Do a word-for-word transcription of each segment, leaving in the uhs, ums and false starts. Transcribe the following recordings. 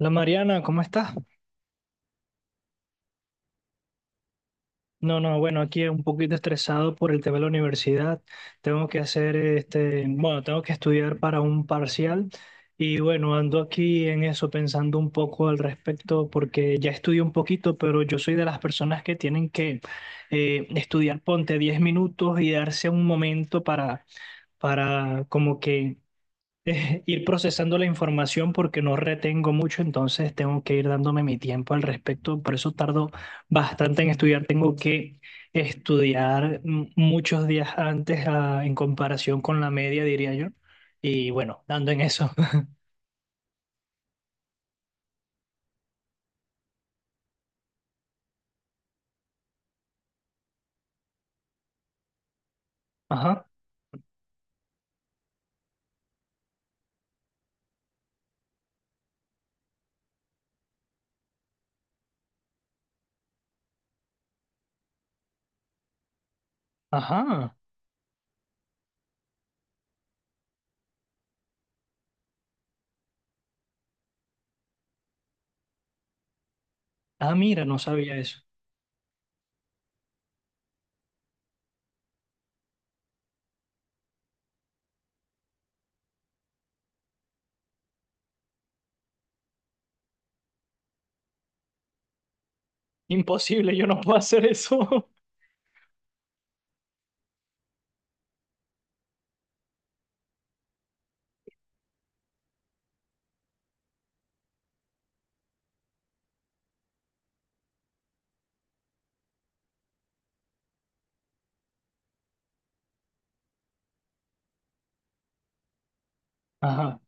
La Mariana, ¿cómo estás? No, no, bueno, aquí un poquito estresado por el tema de la universidad. Tengo que hacer este, bueno, tengo que estudiar para un parcial y bueno, ando aquí en eso pensando un poco al respecto porque ya estudié un poquito, pero yo soy de las personas que tienen que eh, estudiar, ponte diez minutos y darse un momento para, para como que eh, ir procesando la información porque no retengo mucho, entonces tengo que ir dándome mi tiempo al respecto. Por eso tardo bastante en estudiar. Tengo que estudiar m- muchos días antes ah, en comparación con la media, diría yo. Y bueno, dando en eso. Ajá, ajá. Ah, mira, no sabía eso. Imposible, yo no puedo hacer eso. Ajá.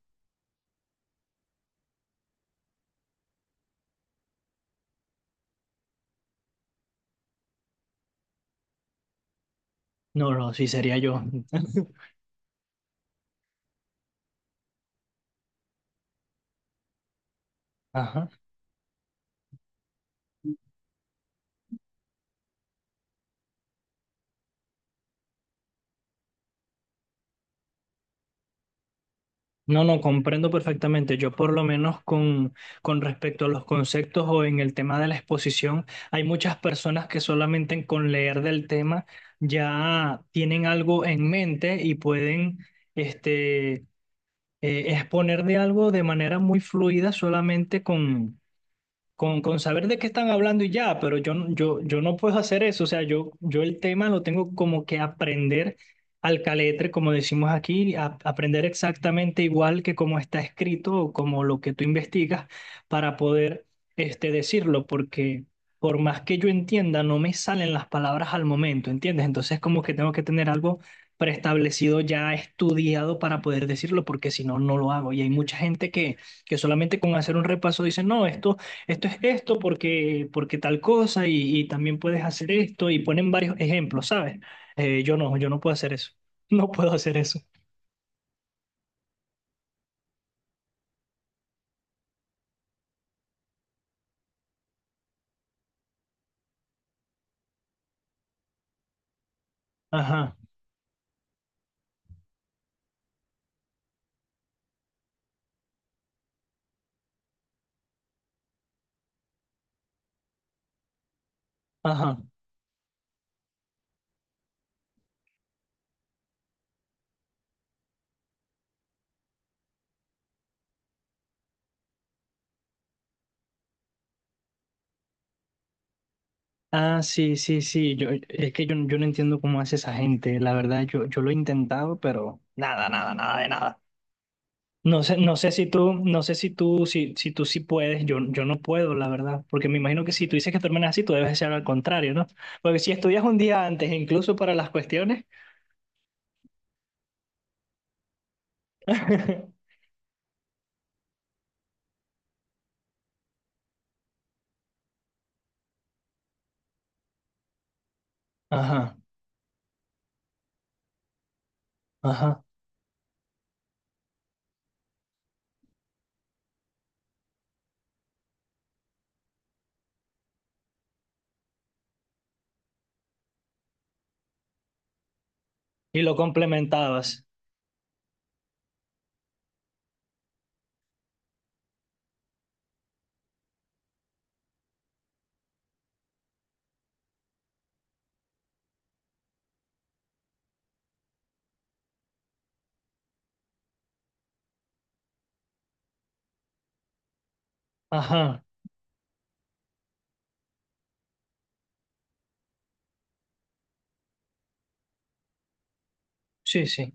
No, no, sí sería yo. Ajá. No, no, comprendo perfectamente. Yo por lo menos con, con respecto a los conceptos o en el tema de la exposición, hay muchas personas que solamente con leer del tema ya tienen algo en mente y pueden este, eh, exponer de algo de manera muy fluida solamente con, con saber de qué están hablando y ya, pero yo, no- yo, yo no puedo hacer eso, o sea, yo, yo el tema lo tengo como que aprender al caletre, como decimos aquí, a- aprender exactamente igual que como está escrito o como lo que tú investigas para poder este, decirlo, porque por más que yo entienda, no me salen las palabras al momento, ¿entiendes? Entonces como que tengo que tener algo preestablecido, ya estudiado para poder decirlo, porque si no, no lo hago. Y hay mucha gente que que solamente con hacer un repaso dice no, esto esto es esto porque, porque tal cosa y, y también puedes hacer esto y ponen varios ejemplos, ¿sabes? Eh, yo no, yo no puedo hacer eso. No puedo hacer eso. Ajá, ajá. Ah, sí, sí, sí. Yo, es que yo, yo no entiendo cómo hace esa gente. La verdad, yo, yo lo he intentado, pero nada, nada, nada de nada. No sé, no sé si tú, no sé si tú, si, si tú sí puedes, yo, yo no puedo, la verdad, porque me imagino que si tú dices que tu hermana así, tú debes ser al contrario, ¿no? Porque si estudias un día antes, incluso para las cuestiones, ajá. Ajá. Y lo complementabas. Ajá. Sí, sí.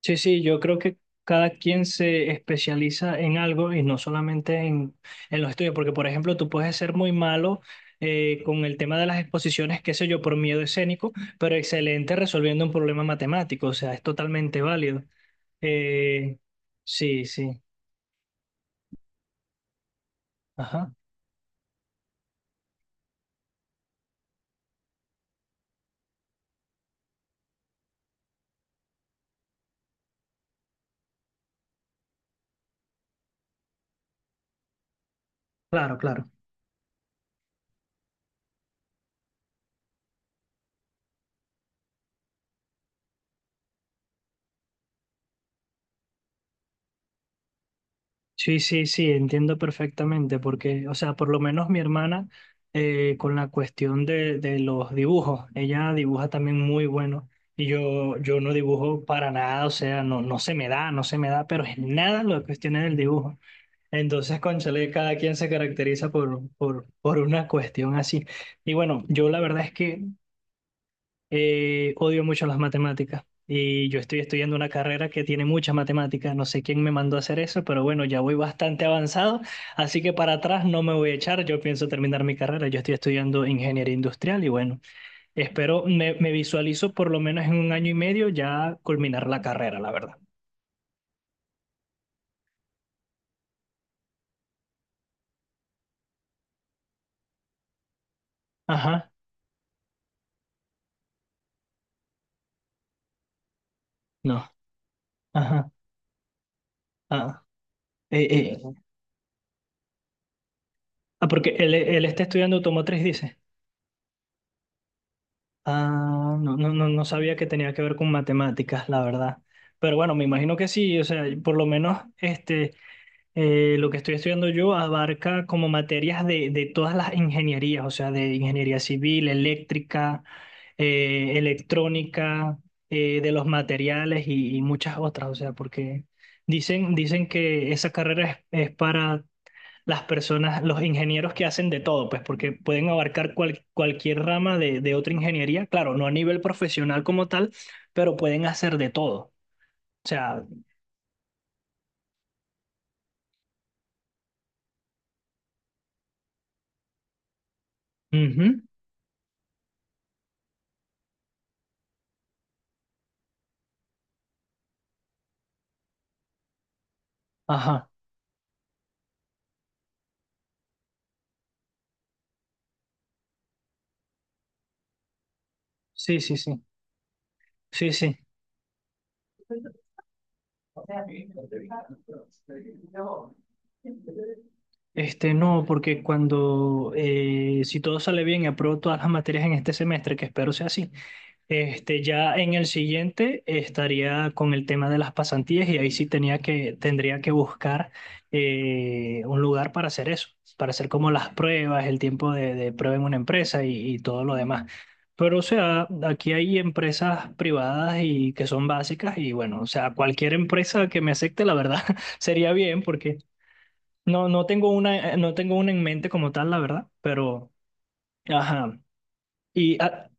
Sí, sí, yo creo que cada quien se especializa en algo y no solamente en, en los estudios, porque por ejemplo tú puedes ser muy malo eh, con el tema de las exposiciones, qué sé yo, por miedo escénico, pero excelente resolviendo un problema matemático, o sea, es totalmente válido. Eh, sí, sí. Ajá. Claro, claro. Sí, sí, sí, entiendo perfectamente, porque, o sea, por lo menos mi hermana, eh, con la cuestión de, de los dibujos, ella dibuja también muy bueno, y yo, yo no dibujo para nada, o sea, no, no se me da, no se me da, pero en nada las cuestiones del dibujo. Entonces, cónchale, cada quien se caracteriza por, por, por una cuestión así. Y bueno, yo la verdad es que eh, odio mucho las matemáticas y yo estoy estudiando una carrera que tiene muchas matemáticas. No sé quién me mandó a hacer eso, pero bueno, ya voy bastante avanzado, así que para atrás no me voy a echar. Yo pienso terminar mi carrera. Yo estoy estudiando ingeniería industrial y bueno, espero, me, me visualizo por lo menos en un año y medio ya culminar la carrera, la verdad. Ajá, no, ajá, ah, eh, eh. Ah, porque él, él está estudiando automotriz, dice. Ah, no, no, no, no sabía que tenía que ver con matemáticas, la verdad. Pero bueno, me imagino que sí, o sea, por lo menos este, eh, lo que estoy estudiando yo abarca como materias de, de todas las ingenierías, o sea, de ingeniería civil, eléctrica, eh, electrónica, eh, de los materiales y, y muchas otras, o sea, porque dicen, dicen que esa carrera es, es para las personas, los ingenieros que hacen de todo, pues porque pueden abarcar cual- cualquier rama de, de otra ingeniería, claro, no a nivel profesional como tal, pero pueden hacer de todo. O sea, ujú, ajá, sí, sí, sí, sí, sí. Este, no, porque cuando, eh, si todo sale bien, apruebo todas las materias en este semestre, que espero sea así. Este, ya en el siguiente estaría con el tema de las pasantías y ahí sí tenía que, tendría que buscar eh, un lugar para hacer eso, para hacer como las pruebas, el tiempo de, de prueba en una empresa y, y todo lo demás. Pero o sea, aquí hay empresas privadas y que son básicas y bueno, o sea, cualquier empresa que me acepte, la verdad, sería bien porque no, no tengo una, no tengo una en mente como tal, la verdad, pero ajá. Y ah,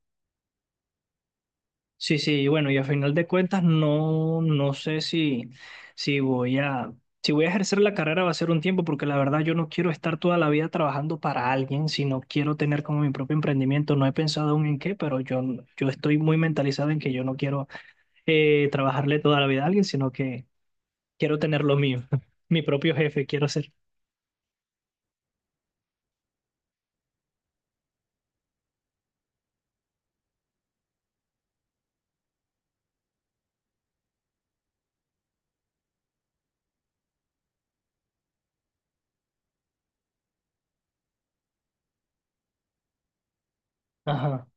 sí, sí, y bueno, y a final de cuentas no, no sé si, si voy a, si voy a ejercer la carrera va a ser un tiempo, porque la verdad yo no quiero estar toda la vida trabajando para alguien, sino quiero tener como mi propio emprendimiento. No he pensado aún en qué, pero yo, yo estoy muy mentalizado en que yo no quiero eh, trabajarle toda la vida a alguien, sino que quiero tener lo mío, mi propio jefe quiero ser. Ajá.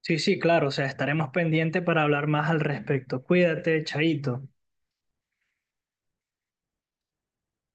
Sí, sí, claro, o sea, estaremos pendientes para hablar más al respecto. Cuídate, Chaito.